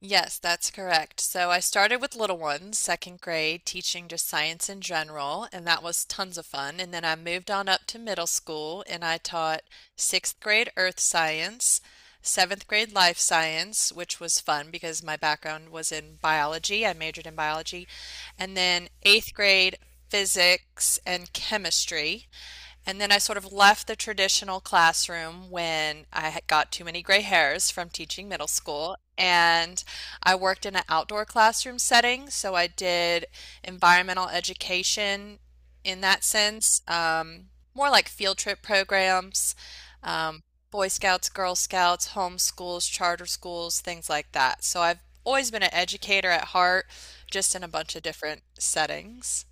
Yes, that's correct. So I started with little ones, second grade, teaching just science in general, and that was tons of fun. And then I moved on up to middle school and I taught sixth grade earth science, seventh grade life science, which was fun because my background was in biology. I majored in biology. And then eighth grade physics and chemistry. And then I sort of left the traditional classroom when I had got too many gray hairs from teaching middle school. And I worked in an outdoor classroom setting. So I did environmental education in that sense, more like field trip programs, um, Boy Scouts, Girl Scouts, homeschools, charter schools, things like that. So I've always been an educator at heart, just in a bunch of different settings.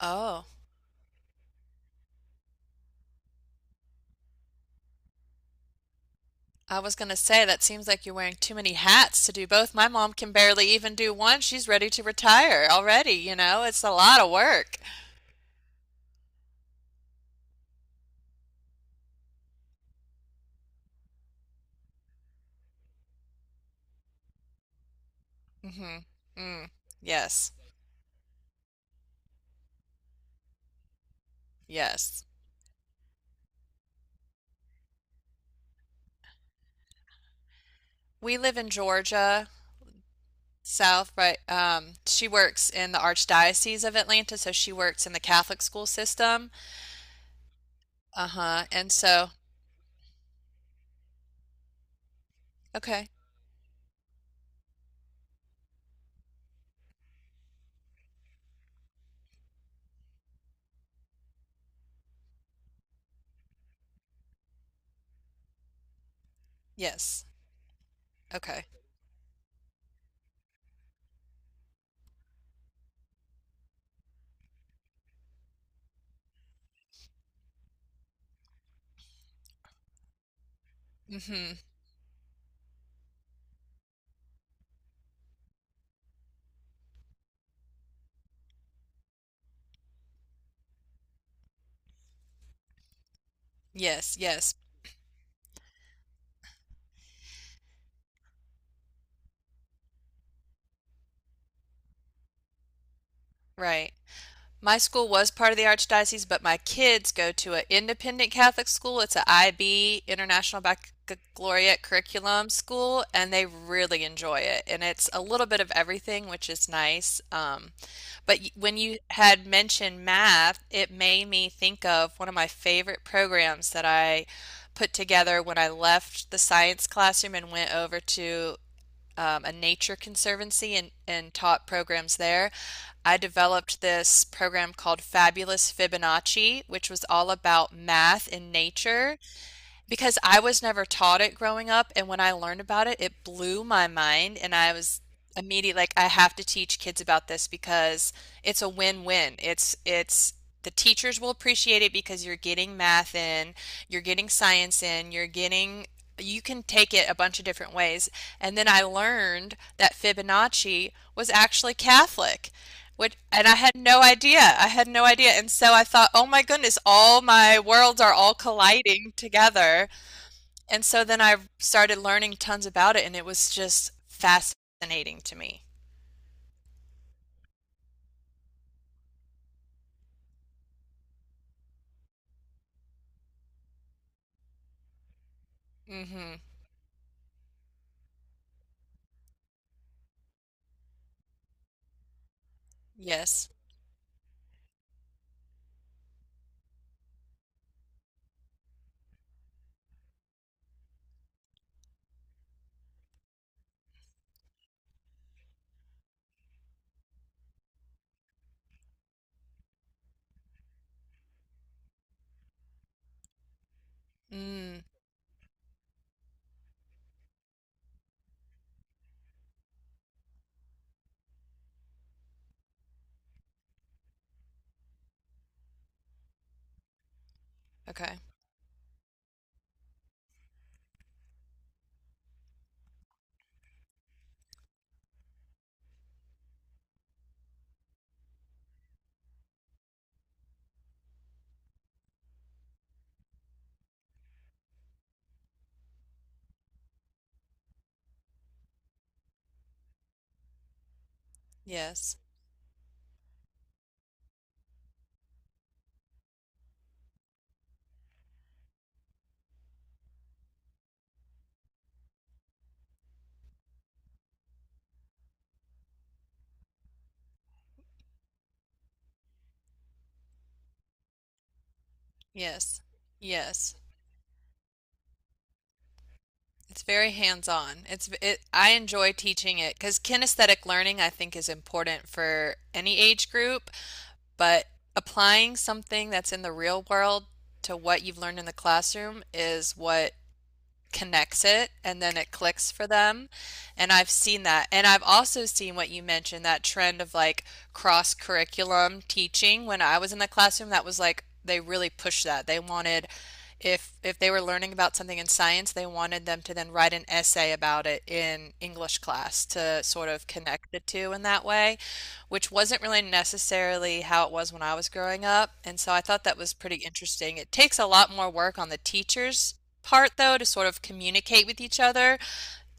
Oh. I was going to say, that seems like you're wearing too many hats to do both. My mom can barely even do one. She's ready to retire already, It's a lot of work. Hmm. Mm. Yes. Yes. We live in Georgia, South, right? She works in the Archdiocese of Atlanta, so she works in the Catholic school system. Uh-huh. And so, okay. Yes. Okay. Hmm. Yes, yes. Right. My school was part of the archdiocese, but my kids go to an independent Catholic school. It's an IB, International Baccalaureate Curriculum school, and they really enjoy it. And it's a little bit of everything, which is nice. But when you had mentioned math, it made me think of one of my favorite programs that I put together when I left the science classroom and went over to a nature conservancy and taught programs there. I developed this program called Fabulous Fibonacci, which was all about math and nature because I was never taught it growing up, and when I learned about it, it blew my mind, and I was immediately like, I have to teach kids about this because it's a win-win. It's the teachers will appreciate it because you're getting math in, you're getting science in, you're getting you can take it a bunch of different ways. And then I learned that Fibonacci was actually Catholic, which, and I had no idea. I had no idea. And so I thought, oh my goodness, all my worlds are all colliding together. And so then I started learning tons about it, and it was just fascinating to me. Mm-hmm. Yes. Mm. Okay. Yes. Yes. Yes. It's very hands-on. I enjoy teaching it because kinesthetic learning I think is important for any age group, but applying something that's in the real world to what you've learned in the classroom is what connects it and then it clicks for them. And I've seen that. And I've also seen what you mentioned, that trend of like cross curriculum teaching. When I was in the classroom, that was like they really pushed that. They wanted if they were learning about something in science, they wanted them to then write an essay about it in English class to sort of connect the two in that way, which wasn't really necessarily how it was when I was growing up. And so I thought that was pretty interesting. It takes a lot more work on the teachers part, though, to sort of communicate with each other.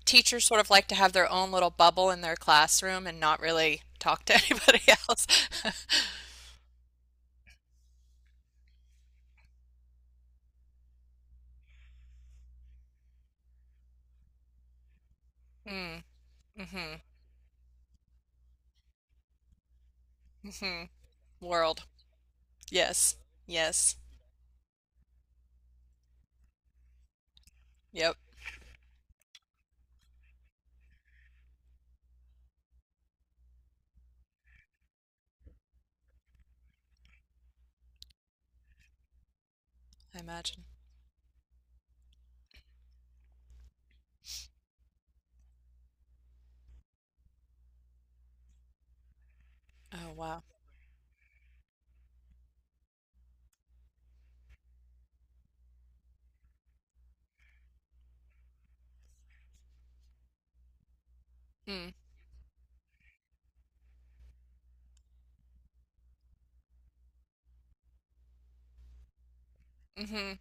Teachers sort of like to have their own little bubble in their classroom and not really talk to anybody else. Hmm. Mm-hmm. Mm-hmm. World. Yes. Yes. Yep. I imagine. Oh, wow. Mm. Mm-hmm.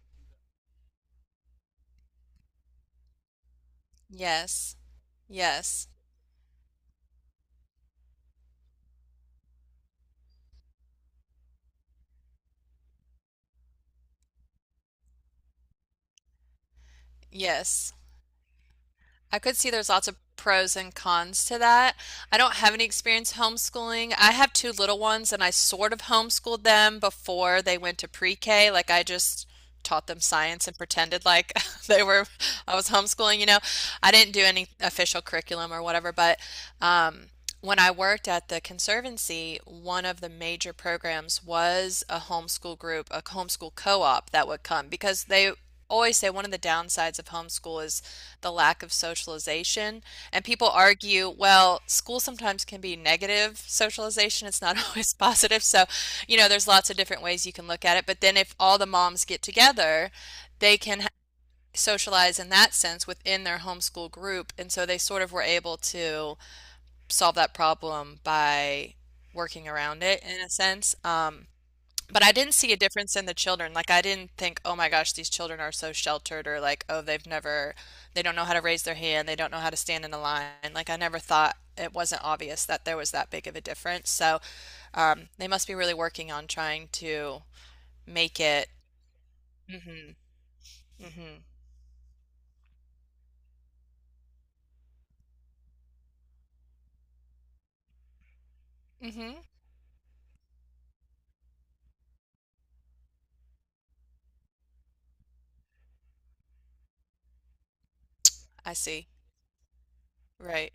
Yes. Yes. Yes. I could see there's lots of pros and cons to that. I don't have any experience homeschooling. I have two little ones and I sort of homeschooled them before they went to pre-K. Like I just taught them science and pretended like they were I was homeschooling, I didn't do any official curriculum or whatever, but um when I worked at the conservancy, one of the major programs was a homeschool group, a homeschool co-op that would come because they always say one of the downsides of homeschool is the lack of socialization. And people argue, well, school sometimes can be negative socialization. It's not always positive. So, there's lots of different ways you can look at it. But then if all the moms get together, they can socialize in that sense within their homeschool group. And so they sort of were able to solve that problem by working around it in a sense. But I didn't see a difference in the children. Like I didn't think, oh my gosh, these children are so sheltered, or like, oh, they've never, they don't know how to raise their hand, they don't know how to stand in a line. Like I never thought it wasn't obvious that there was that big of a difference. So they must be really working on trying to make it. Mm-hmm. Mm-hmm. Mm-hmm. I see. Right.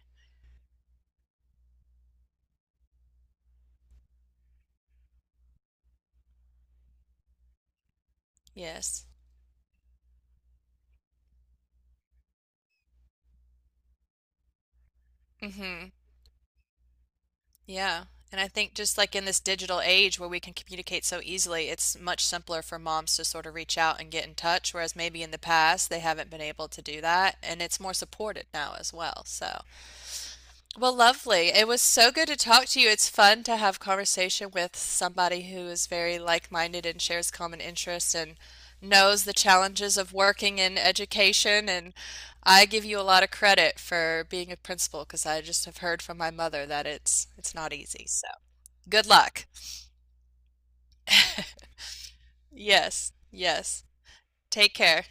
Yes. Mm-hmm. Yeah. And I think just like in this digital age where we can communicate so easily, it's much simpler for moms to sort of reach out and get in touch, whereas maybe in the past they haven't been able to do that. And it's more supported now as well. So. Well, lovely. It was so good to talk to you. It's fun to have conversation with somebody who is very like-minded and shares common interests and knows the challenges of working in education. And I give you a lot of credit for being a principal because I just have heard from my mother that it's not easy. So, good luck. Yes, yes. Take care.